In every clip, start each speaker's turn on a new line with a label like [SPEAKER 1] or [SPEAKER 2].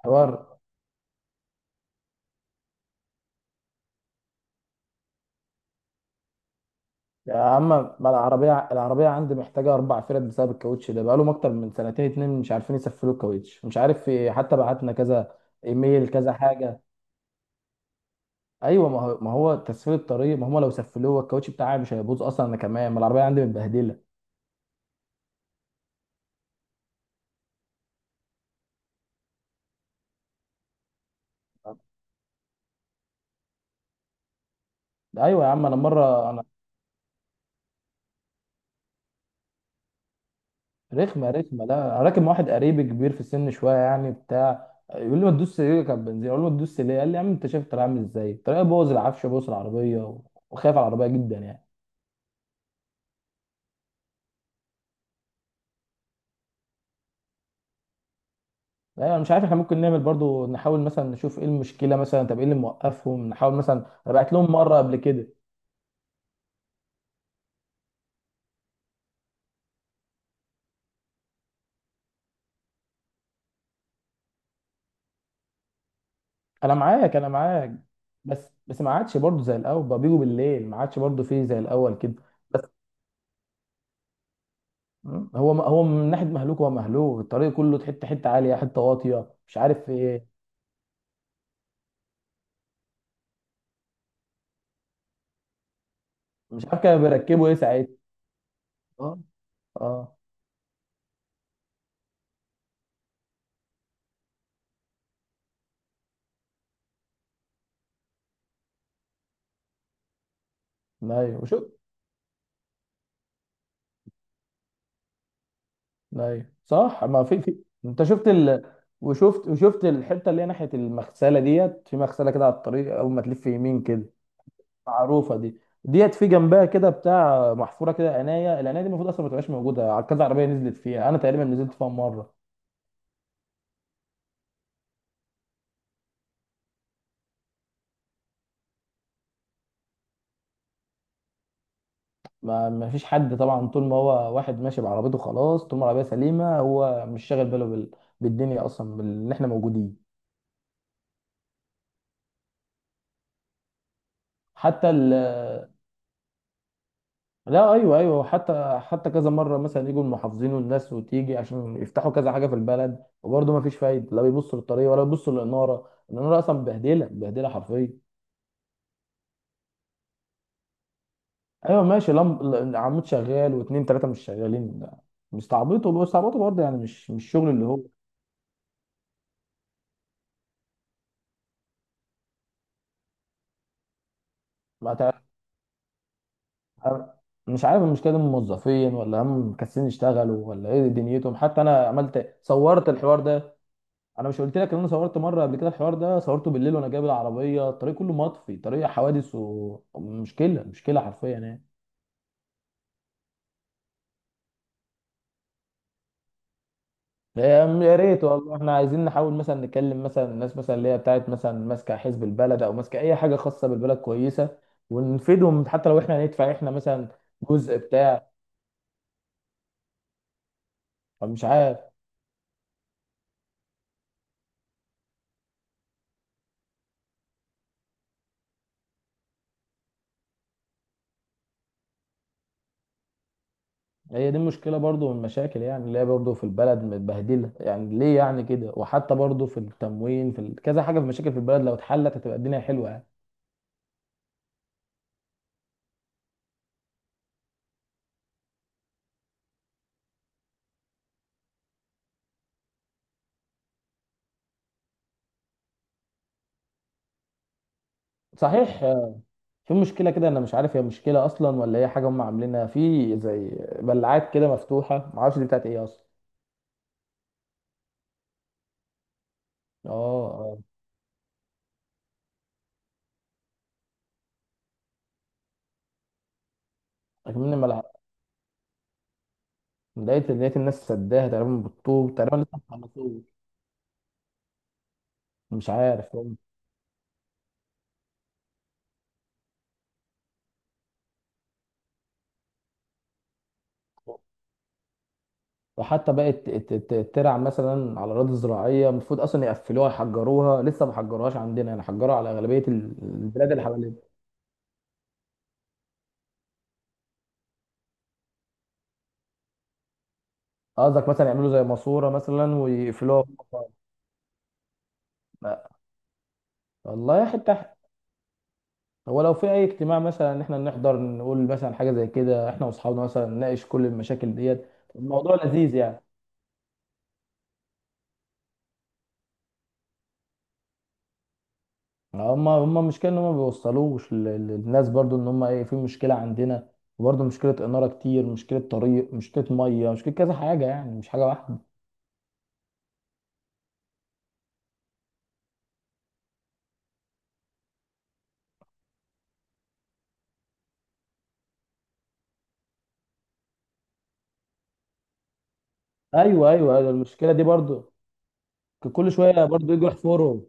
[SPEAKER 1] حوار. يا عم، ما العربية عندي محتاجة أربع فرد بسبب الكاوتش ده، بقالهم أكتر من سنتين اتنين مش عارفين يسفلوا الكاوتش، مش عارف في إيه، حتى بعتنا كذا إيميل كذا حاجة. أيوة، ما هو تسفيل الطريق، ما هم لو سفلوه الكاوتش بتاعي مش هيبوظ أصلا، أنا كمان ما العربية عندي متبهدلة. أيوة يا عم. أنا رخمة رخمة. لا، أنا راكب مع واحد قريبي كبير في السن شوية، يعني بتاع، يقول لي ما تدوس رجلك على البنزين، أقول له ما تدوس ليه، قال لي يا عم أنت شايف الطريق عامل إزاي، الطريق بوظ العفش، بوظ العربية وخايف على العربية جدا يعني. لا انا مش عارف، احنا ممكن نعمل برضو، نحاول مثلا نشوف ايه المشكله مثلا، طب ايه اللي موقفهم، نحاول مثلا ابعت لهم مره قبل كده. انا معاك. بس ما عادش برضو زي الاول، بقى بيجوا بالليل، ما عادش برضو فيه زي الاول كده. بس مم، هو من ناحيه مهلوك، هو مهلوك الطريق كله، حته حته، عاليه حته واطيه، مش عارف في ايه. مش عارف كانوا بيركبوا ايه ساعتها. اه. اه. ايوه وشوف. ايوه صح. ما في. انت شفت وشفت الحته اللي هي ناحيه المغسله ديت، في مغسله كده على الطريق، اول ما تلف يمين كده، معروفه دي، ديت في جنبها كده بتاع محفوره كده عنايه، العنايه دي المفروض اصلا ما تبقاش موجوده، كذا عربيه نزلت فيها، انا تقريبا نزلت فيها مره. ما فيش حد طبعا، طول ما هو واحد ماشي بعربيته خلاص، طول ما العربيه سليمه هو مش شاغل باله بالدنيا اصلا، ان احنا موجودين. حتى لا ايوه ايوه، وحتى حتى كذا مره مثلا يجوا المحافظين والناس وتيجي عشان يفتحوا كذا حاجه في البلد، وبرضه ما فيش فايده، لا بيبصوا للطريق ولا بيبصوا للاناره، الاناره اصلا مبهدله مبهدله حرفيا. ايوه ماشي. لم... عمود شغال واثنين ثلاثه مش شغالين ده، مستعبطوا بيستعبطوا برضه، يعني مش شغل اللي هو. ما تع- مش عارف المشكله دي من موظفين ولا هم مكسلين يشتغلوا ولا ايه دنيتهم، حتى انا عملت، صورت الحوار ده. انا مش قلت لك ان انا صورت مره قبل كده؟ الحوار ده صورته بالليل وانا جايب العربيه، الطريق كله مطفي، طريق حوادث، ومشكله مشكله حرفيا يعني. أم- يا ريت، والله احنا عايزين نحاول مثلا نكلم مثلا الناس مثلا اللي هي بتاعت مثلا ماسكه حزب البلد او ماسكه اي حاجه خاصه بالبلد كويسه، ونفيدهم، حتى لو احنا هندفع احنا مثلا جزء بتاع، فمش عارف. هي دي مشكله برضو من المشاكل، يعني اللي هي برضو في البلد متبهدله يعني، ليه يعني كده، وحتى برضو في التموين، في كذا حاجه، في مشاكل في البلد، لو اتحلت هتبقى الدنيا حلوه يعني. صحيح. في مشكلة كده أنا مش عارف، هي مشكلة أصلا ولا هي حاجة هم عاملينها، في زي بلعات كده مفتوحة، معرفش دي بتاعت إيه أصلا. أه أه. أكمل الملعقة. لقيت، لقيت الناس سداها تقريبا بالطوب تقريبا، لسه مخلصوه. مش عارف. وحتى بقت ترع مثلا على الأراضي الزراعية، المفروض أصلا يقفلوها يحجروها، لسه ما حجروهاش عندنا يعني، حجروها على أغلبية البلاد اللي حوالينا. قصدك مثلا يعملوا زي ماسورة مثلا ويقفلوها؟ لا، والله حتة. هو لو في اي اجتماع مثلا ان احنا نحضر، نقول مثلا حاجه زي كده، احنا واصحابنا مثلا نناقش كل المشاكل ديت، الموضوع لذيذ يعني. هم المشكله ان هم ما بيوصلوش للناس برضو، ان هم ايه، في مشكله عندنا، وبرضو مشكله اناره كتير، مشكله طريق، مشكله ميه، مشكله كذا حاجه، يعني مش حاجه واحده. ايوه ايوه، أيوة، المشكله دي برضو كل شويه برضو يجوا يحفروا.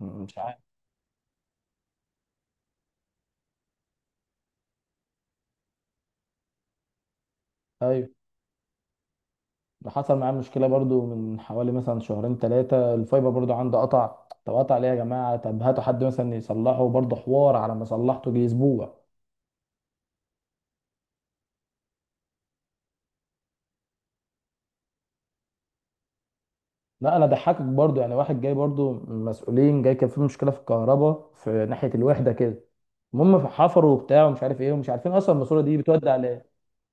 [SPEAKER 1] مش عارف. ايوه. ده حصل معاه مشكله برضو من حوالي مثلا شهرين ثلاثه، الفايبر برضو عنده قطع. طب قطع ليه يا جماعه؟ طب هاتوا حد مثلا يصلحه برضو، حوار، على ما صلحته جه اسبوع. لا انا ضحكك برضو يعني، واحد جاي برضو، مسؤولين جاي، كان في مشكله في الكهرباء في ناحيه الوحده كده. المهم حفروا وبتاع ومش عارف ايه، ومش عارفين اصلا الماسوره دي بتودي على ايه.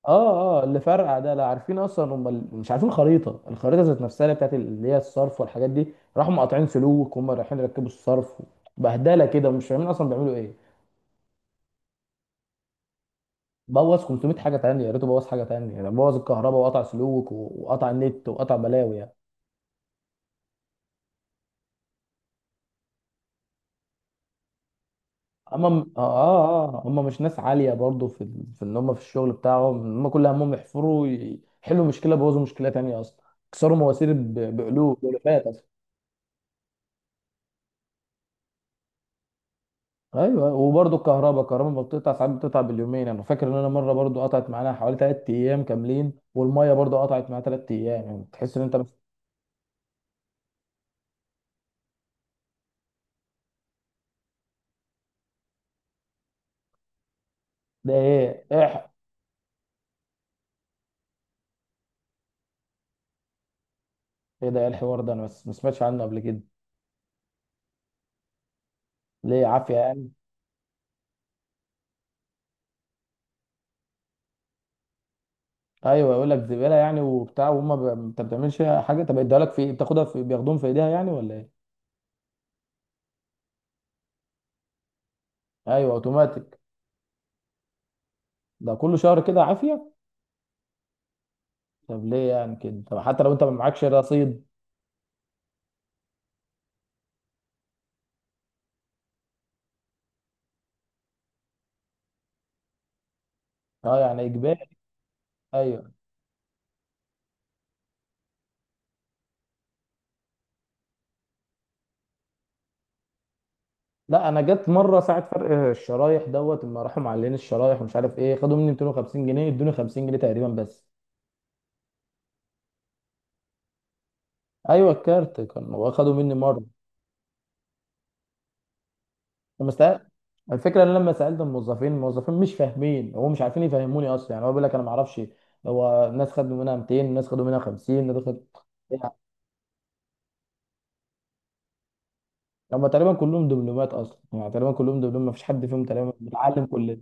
[SPEAKER 1] اه اللي فرقع ده، لا عارفين اصلا هم مش عارفين خريطه، الخريطه ذات نفسها اللي بتاعت اللي هي الصرف والحاجات دي، راحوا مقاطعين سلوك، هم رايحين يركبوا الصرف، بهدله كده مش فاهمين اصلا بيعملوا ايه. بوظ 500 حاجه تانية، يا ريته بوظ حاجه تانية يعني، بوظ الكهرباء وقطع سلوك وقطع النت وقطع بلاوي يعني. اما هم مش ناس عاليه برضو في في ان هم في الشغل بتاعهم، هم كل همهم يحفروا يحلوا مشكله، بوظوا مشكله تانية اصلا، كسروا مواسير بقلوب بألوفات اصلا. ايوه، وبرضو الكهرباء، الكهرباء ما بتقطع ساعات، بتقطع باليومين، انا فاكر ان انا مره برضو قطعت معانا حوالي 3 ايام كاملين، والميه برضو قطعت معايا 3 ايام، يعني تحس ان انت بس. ده ايه ايه ح- ايه ده، إيه الحوار ده؟ انا بس ما سمعتش عنه قبل كده. ليه؟ عافيه يعني. ايوه يقول لك زباله يعني وبتاع، وهم انت ما بتعملش حاجه طب اديها لك في إيه؟ بتاخدها في، بياخدوهم في ايديها يعني ولا ايه؟ ايوه اوتوماتيك. ده كل شهر كده عافيه. طب ليه يعني كده؟ طب حتى لو انت ما معكش رصيد. اه يعني اجباري. ايوه. لا انا جت مره ساعه فرق الشرايح دوت، لما راحوا معلقين الشرايح ومش عارف ايه، خدوا مني 250 جنيه، ادوني 50 جنيه تقريبا بس. ايوه الكارت كان هو، خدوا مني مره لما سأل. الفكره ان أنا لما سالت الموظفين، الموظفين مش فاهمين، هو مش عارفين يفهموني اصلا يعني، هو بيقول لك انا ما اعرفش، هو الناس خدوا منها 200، الناس خدوا منها 50، الناس خدوا يعني. هم تقريبا كلهم دبلومات اصلا يعني، تقريبا كلهم دبلوم، ما فيش حد فيهم تقريبا بيتعلم كلنا.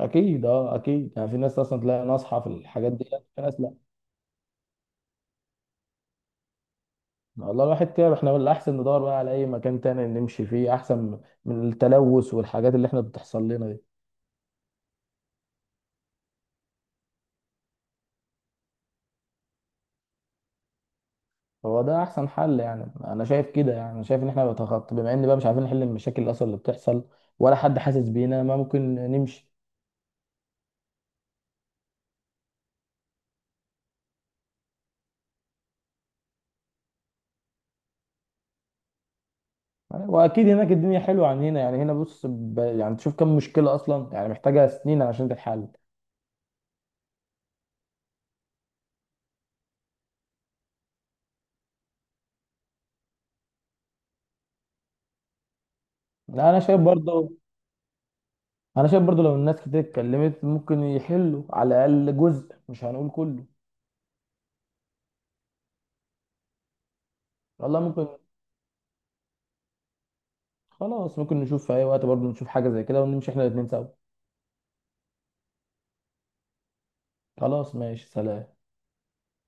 [SPEAKER 1] اكيد، اه اكيد يعني، في ناس اصلا تلاقي ناصحه في الحاجات دي، في ناس لا. والله الواحد تعب، احنا الاحسن ندور بقى على اي مكان تاني نمشي فيه، احسن من التلوث والحاجات اللي احنا بتحصل لنا دي. هو ده احسن حل يعني، انا شايف كده، يعني انا شايف ان احنا بنتخطى، بما ان بقى مش عارفين نحل المشاكل الاصل اللي بتحصل، ولا حد حاسس بينا، ما ممكن نمشي. واكيد هناك الدنيا حلوه عن هنا يعني، هنا بص يعني تشوف كم مشكله اصلا يعني، محتاجه سنين عشان تتحل. لا، انا شايف برضه، انا شايف برضه لو الناس كتير اتكلمت ممكن يحلوا على الاقل جزء، مش هنقول كله. والله ممكن. خلاص، ممكن نشوف في اي وقت برضه نشوف حاجه زي كده ونمشي احنا الاتنين سوا. خلاص ماشي، سلام.